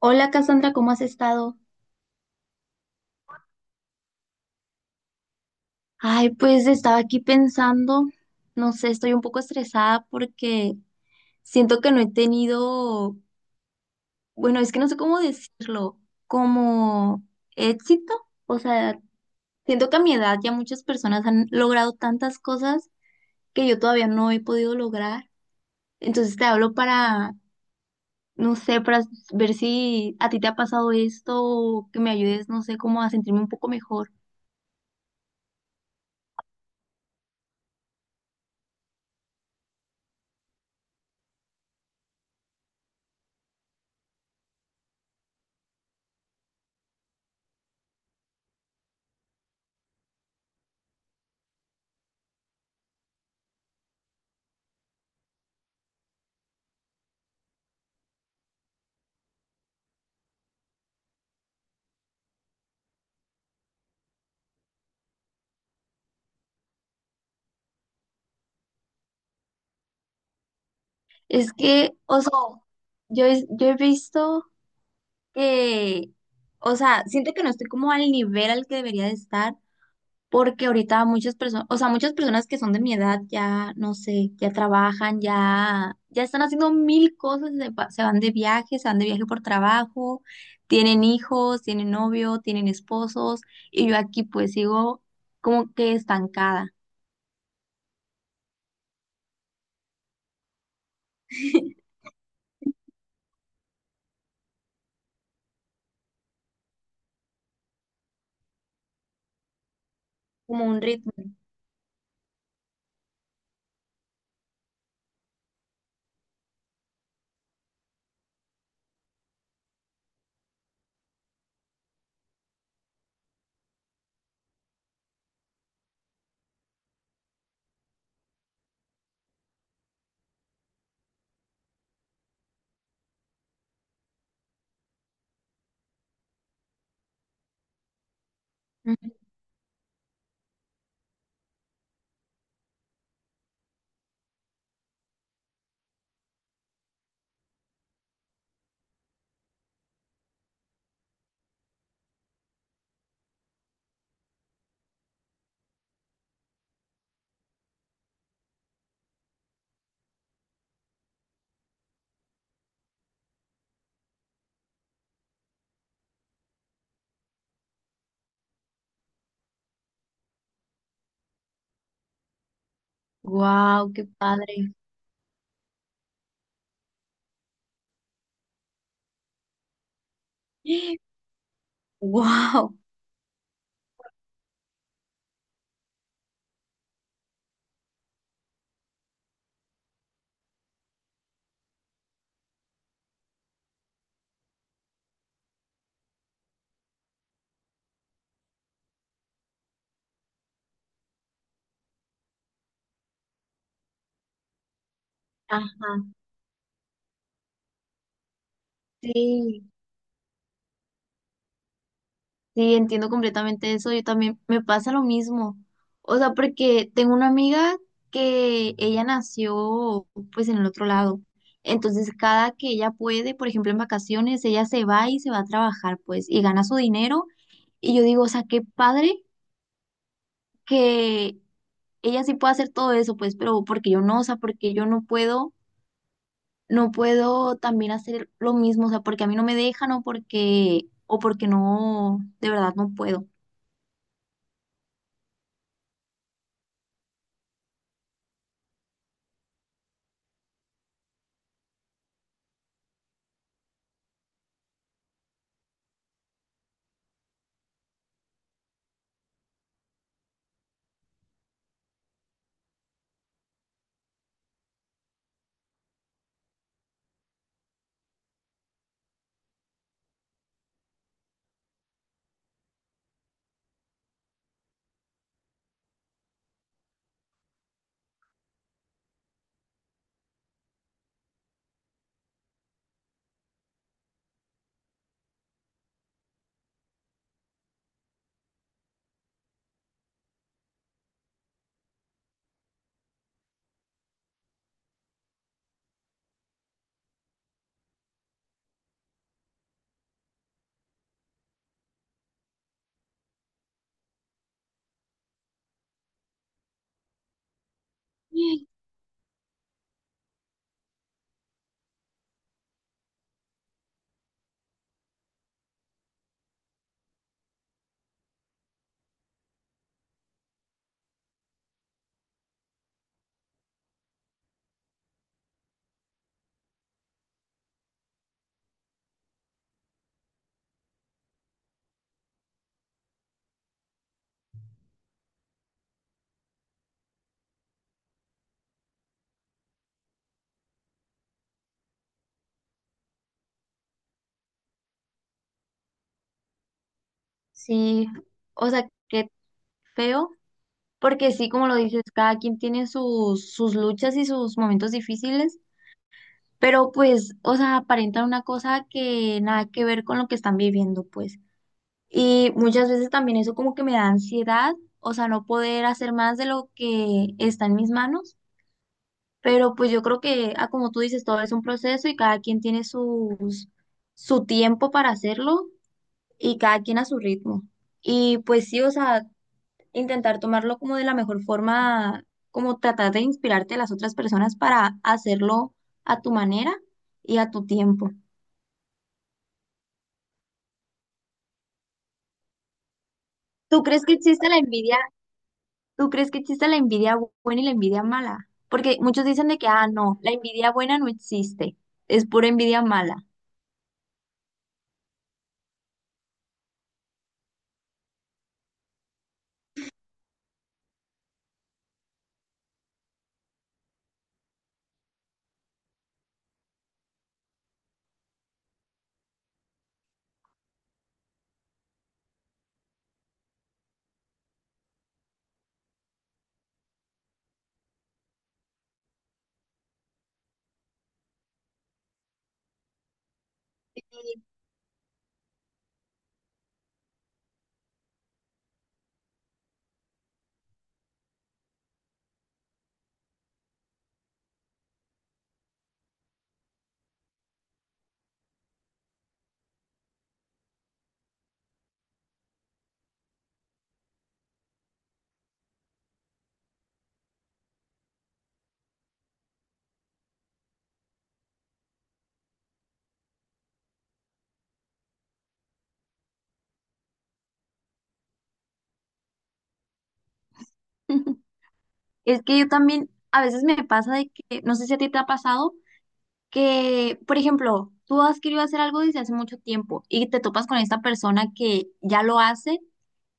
Hola Cassandra, ¿cómo has estado? Ay, pues estaba aquí pensando, no sé, estoy un poco estresada porque siento que no he tenido, bueno, es que no sé cómo decirlo, como éxito. O sea, siento que a mi edad ya muchas personas han logrado tantas cosas que yo todavía no he podido lograr. Entonces te hablo para, no sé, para ver si a ti te ha pasado esto o que me ayudes, no sé, como a sentirme un poco mejor. Es que, o sea, yo he visto que, o sea, siento que no estoy como al nivel al que debería de estar, porque ahorita muchas personas, o sea, muchas personas que son de mi edad ya, no sé, ya trabajan, ya están haciendo mil cosas, se van de viaje, se van de viaje por trabajo, tienen hijos, tienen novio, tienen esposos, y yo aquí pues sigo como que estancada, como un ritmo. Wow, qué padre. Wow. Ajá, sí, sí, entiendo completamente eso. Yo también me pasa lo mismo. O sea, porque tengo una amiga que ella nació pues en el otro lado. Entonces, cada que ella puede, por ejemplo, en vacaciones, ella se va y se va a trabajar, pues, y gana su dinero. Y yo digo, o sea, qué padre que ella sí pueda hacer todo eso, pues, pero porque yo no, o sea, porque yo no puedo, no puedo también hacer lo mismo, o sea, porque a mí no me dejan o porque no, de verdad no puedo. Sí, o sea, qué feo, porque sí, como lo dices, cada quien tiene sus, sus luchas y sus momentos difíciles, pero pues, o sea, aparentan una cosa que nada que ver con lo que están viviendo, pues. Y muchas veces también eso como que me da ansiedad, o sea, no poder hacer más de lo que está en mis manos, pero pues yo creo que, ah, como tú dices, todo es un proceso y cada quien tiene sus, su tiempo para hacerlo y cada quien a su ritmo. Y pues sí, o sea, intentar tomarlo como de la mejor forma, como tratar de inspirarte a las otras personas para hacerlo a tu manera y a tu tiempo. ¿Tú crees que existe la envidia? ¿Tú crees que existe la envidia buena y la envidia mala? Porque muchos dicen de que, ah, no, la envidia buena no existe, es pura envidia mala. Sí. Es que yo también, a veces me pasa de que, no sé si a ti te ha pasado, que, por ejemplo, tú has querido hacer algo desde hace mucho tiempo y te topas con esta persona que ya lo hace.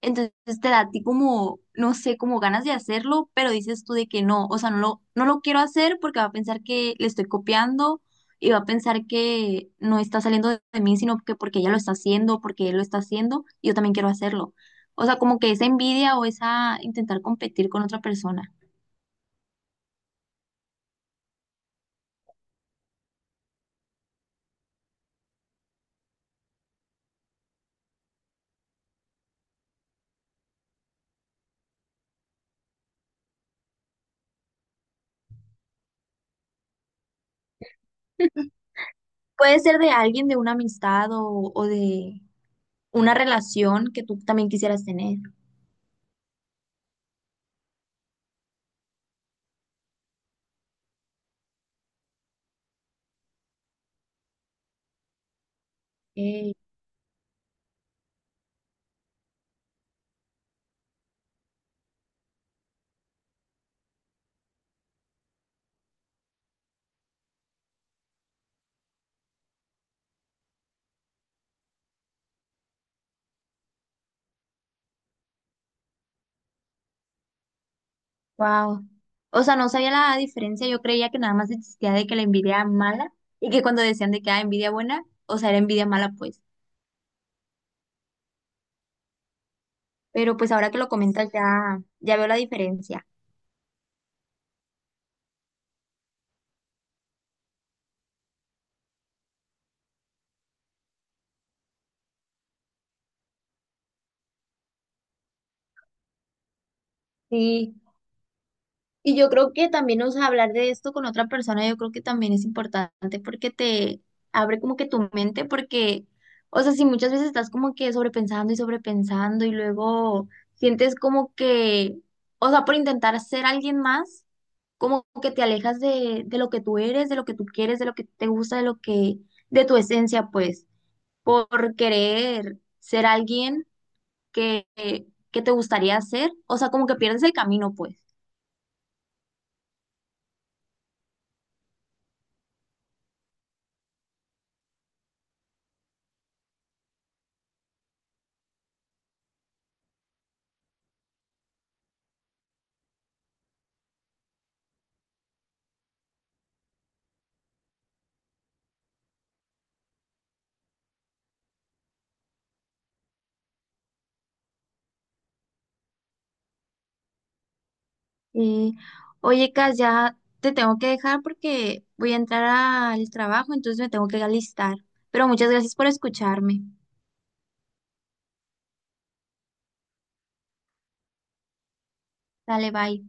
Entonces te da a ti como, no sé, como ganas de hacerlo, pero dices tú de que no, o sea, no lo quiero hacer porque va a pensar que le estoy copiando y va a pensar que no está saliendo de mí, sino que porque ella lo está haciendo, porque él lo está haciendo y yo también quiero hacerlo. O sea, como que esa envidia o esa intentar competir con otra persona. Puede ser de alguien, de una amistad o de una relación que tú también quisieras tener. Ok. Wow. O sea, no sabía la diferencia. Yo creía que nada más existía de que la envidia mala y que cuando decían de que ah, envidia buena, o sea, era envidia mala, pues. Pero pues ahora que lo comentas ya, ya veo la diferencia. Sí. Y yo creo que también, o sea, hablar de esto con otra persona, yo creo que también es importante porque te abre como que tu mente, porque, o sea, si muchas veces estás como que sobrepensando y sobrepensando y luego sientes como que, o sea, por intentar ser alguien más como que te alejas de lo que tú eres, de lo que tú quieres, de lo que te gusta, de lo que, de tu esencia, pues, por querer ser alguien que, que te gustaría ser, o sea, como que pierdes el camino, pues. Y, oye, Cas, ya te tengo que dejar porque voy a entrar al trabajo, entonces me tengo que alistar. Pero muchas gracias por escucharme. Dale, bye.